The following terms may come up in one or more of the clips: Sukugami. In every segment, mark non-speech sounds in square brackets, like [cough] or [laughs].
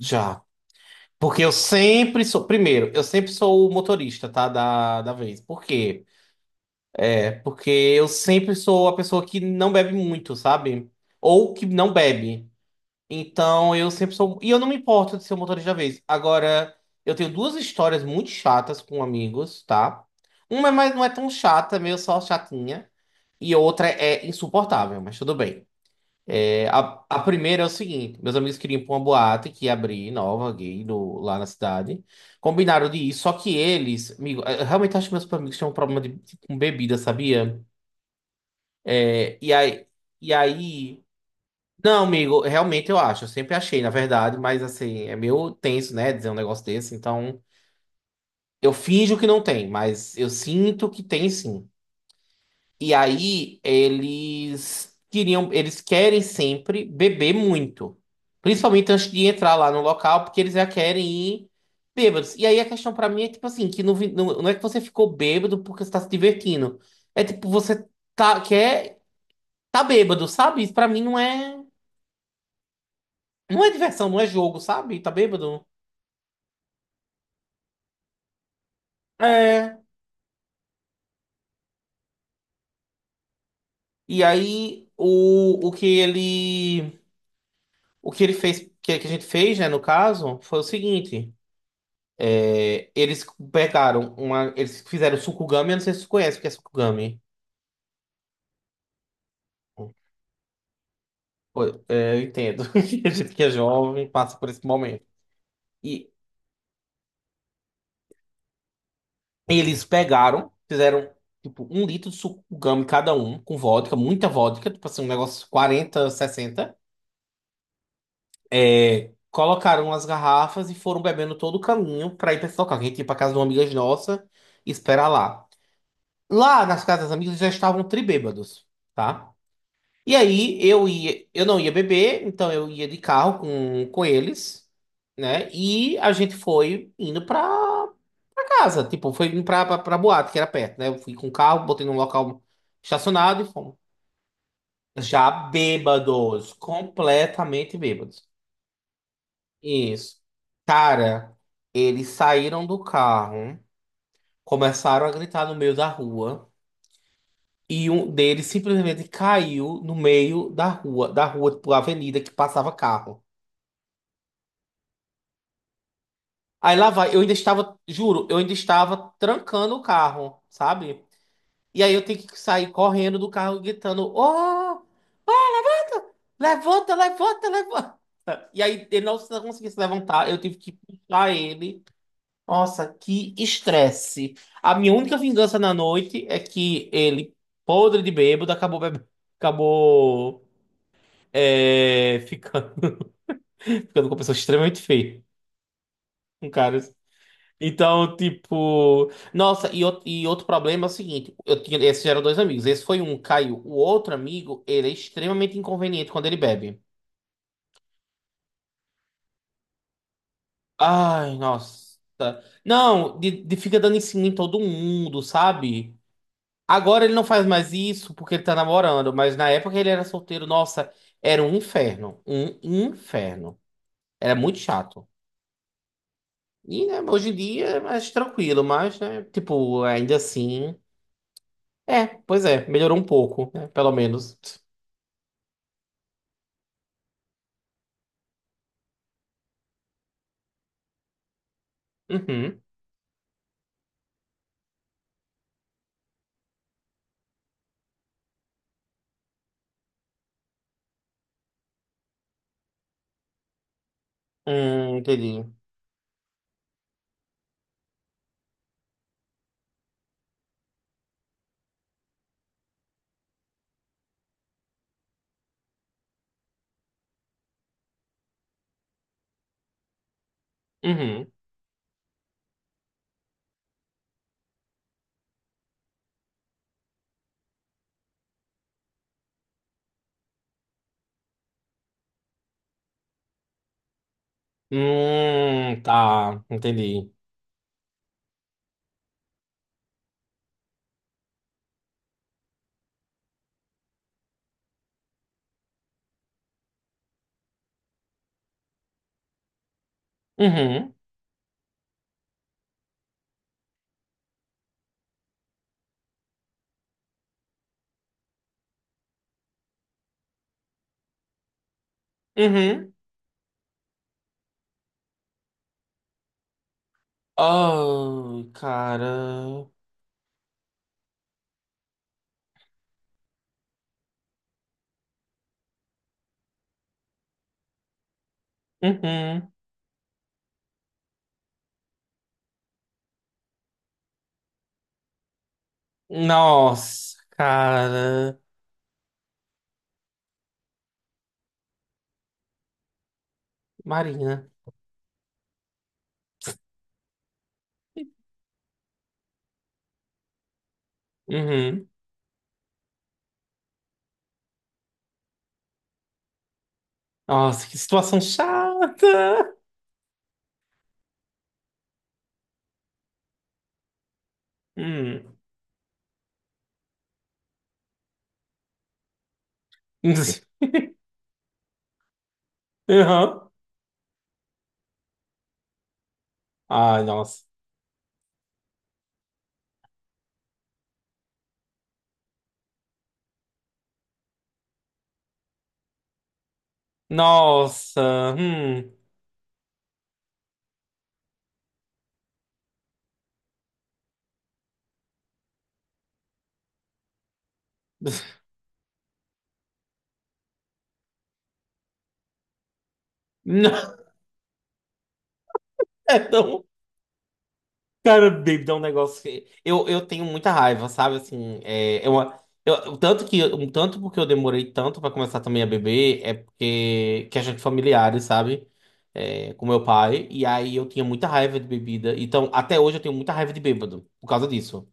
Já. Porque eu sempre sou. Primeiro, eu sempre sou o motorista, tá? Da vez. Por quê? É porque eu sempre sou a pessoa que não bebe muito, sabe? Ou que não bebe. Então eu sempre sou. E eu não me importo de ser o motorista da vez. Agora, eu tenho duas histórias muito chatas com amigos, tá? Uma é mais, não é tão chata, é meio só chatinha. E a outra é insuportável, mas tudo bem. A primeira é o seguinte: meus amigos queriam ir pra uma boate que ia abrir nova, gay, lá na cidade. Combinaram de ir, só que eles, amigo, eu realmente acho que meus amigos tinham um problema com bebida, sabia? É, e aí, e aí. Não, amigo, realmente eu acho. Eu sempre achei, na verdade, mas assim, é meio tenso, né? Dizer um negócio desse. Então, eu finjo que não tem, mas eu sinto que tem sim. E aí eles querem sempre beber muito. Principalmente antes de entrar lá no local, porque eles já querem ir bêbados. E aí a questão pra mim é tipo assim, que não, vi- não, não é que você ficou bêbado porque você tá se divertindo. É tipo, você tá, quer, tá bêbado, sabe? Isso pra mim não é, não é diversão, não é jogo, sabe? Tá bêbado. É. E aí o que ele fez, que a gente fez, né, no caso, foi o seguinte. É, eles pegaram uma. Eles fizeram Sukugami, eu não sei se você conhece o que é Sukugami. Foi, é, eu entendo. [laughs] A gente que é jovem passa por esse momento. E eles pegaram, fizeram tipo um litro de Sukugami cada um, com vodka, muita vodka, tipo assim, um negócio 40, 60. É, colocaram as garrafas e foram bebendo todo o caminho pra ir pra esse local. Que a gente ia pra casa de uma amiga nossa e esperar lá. Lá nas casas das amigas já estavam tribêbados, tá? E aí eu não ia beber, então eu ia de carro com eles, né? E a gente foi indo pra casa, tipo, foi indo pra boate, que era perto, né? Eu fui com o carro, botei num local estacionado e fomos. Já bêbados, completamente bêbados. Isso. Cara, eles saíram do carro, começaram a gritar no meio da rua. E um deles simplesmente caiu no meio da rua, tipo, avenida que passava carro. Aí lá vai, eu ainda estava, juro, eu ainda estava trancando o carro, sabe? E aí eu tenho que sair correndo do carro gritando: Oh, levanta, levanta, levanta. E aí ele não conseguia se levantar, eu tive que puxar ele. Nossa, que estresse. A minha única vingança na noite é que ele, podre de bêbado, acabou bebendo, acabou ficando, [laughs] ficando com uma pessoa extremamente feia. Um cara. Então, tipo, nossa, e outro problema é o seguinte, eu tinha, esses eram dois amigos, esse foi um, caiu. O outro amigo, ele é extremamente inconveniente quando ele bebe. Ai, nossa. Não, de fica dando em cima em todo mundo, sabe? Agora ele não faz mais isso porque ele tá namorando, mas na época que ele era solteiro, nossa, era um inferno, um inferno. Era muito chato. E, né, hoje em dia é mais tranquilo, mas, né, tipo, ainda assim. É, pois é, melhorou um pouco, né? Pelo menos. Uhum. Entendi. Uhum. Tá, entendi. Uhum. Uhum. Oh, cara. Uhum. Nossa, cara. Marina. Uhum. Nossa, que situação chata. Hum. [laughs] Uhum. Ai, nossa. Nossa. Hum. [laughs] Não, [laughs] Cara, David, é um negócio que eu tenho muita raiva, sabe? Assim, o tanto que um tanto porque eu demorei tanto pra começar também a beber é porque questão de familiares, sabe? Com meu pai, e aí eu tinha muita raiva de bebida. Então, até hoje eu tenho muita raiva de bêbado por causa disso,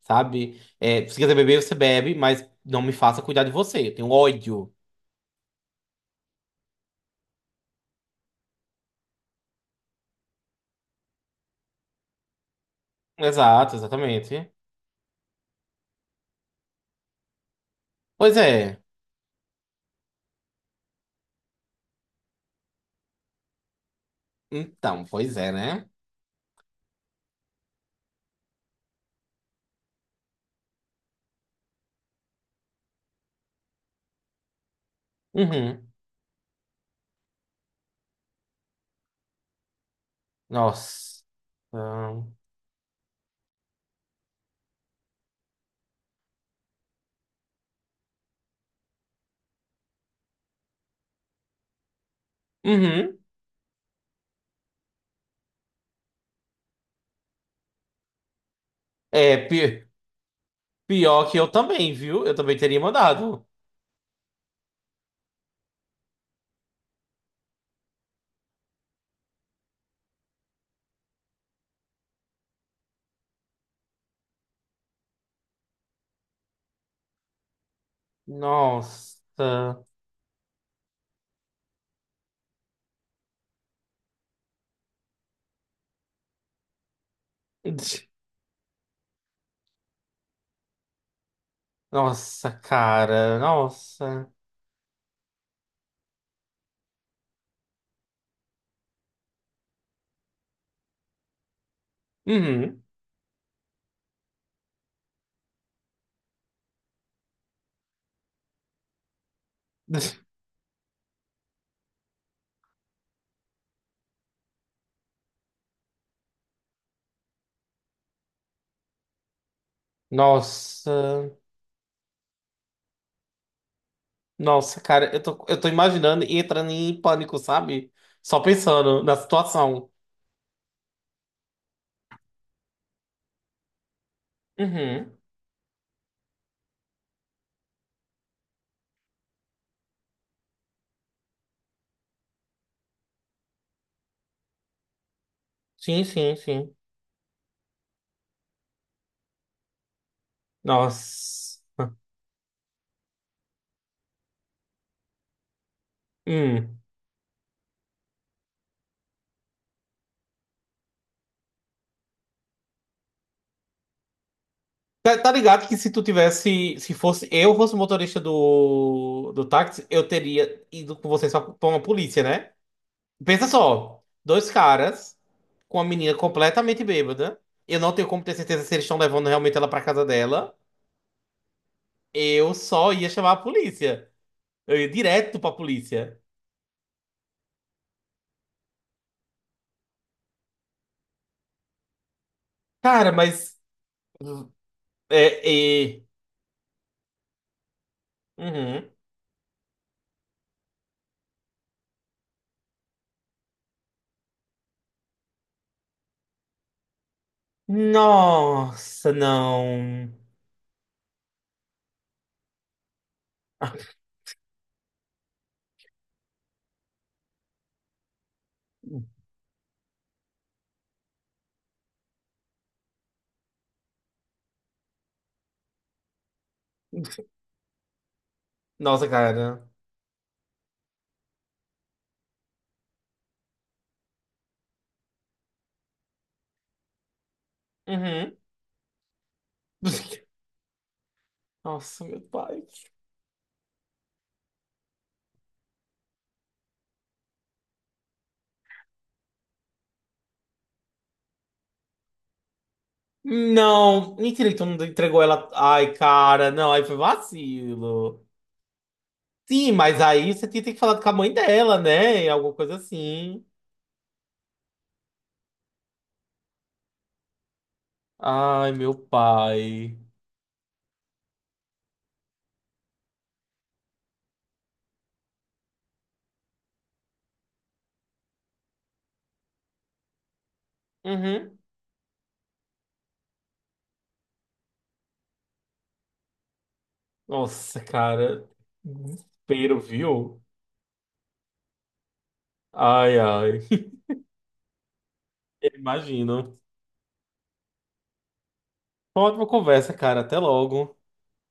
sabe? Se quiser beber, você bebe, mas não me faça cuidar de você. Eu tenho ódio. Exato, exatamente. Pois é. Então, pois é, né? Uhum. Nossa. Então, uhum. É, pi- Pior que eu também, viu? Eu também teria mandado. Nossa. Nossa, cara. Nossa. Uhum. Nossa. Nossa, cara. Eu tô imaginando e entrando em pânico, sabe? Só pensando na situação. Uhum. Sim, sim, sim. Nossa. Hum. Tá, tá ligado que se tu tivesse, se fosse eu fosse o motorista do táxi, eu teria ido com você só pra uma polícia, né? Pensa só, dois caras com uma menina completamente bêbada. Eu não tenho como ter certeza se eles estão levando realmente ela pra casa dela. Eu só ia chamar a polícia. Eu ia direto pra polícia. Cara, mas. É, é. Uhum. Nossa, não. [laughs] Nossa, cara. Uhum. Nossa, meu pai. Não, mentira que tu não entregou ela. Ai, cara, não, aí foi vacilo. Sim, mas aí você tinha que falar com a mãe dela, né? Alguma coisa assim. Ai, meu pai. Uhum. Nossa, cara. Desespero, viu? Ai, ai. [laughs] Imagino. Foi uma ótima conversa, cara. Até logo.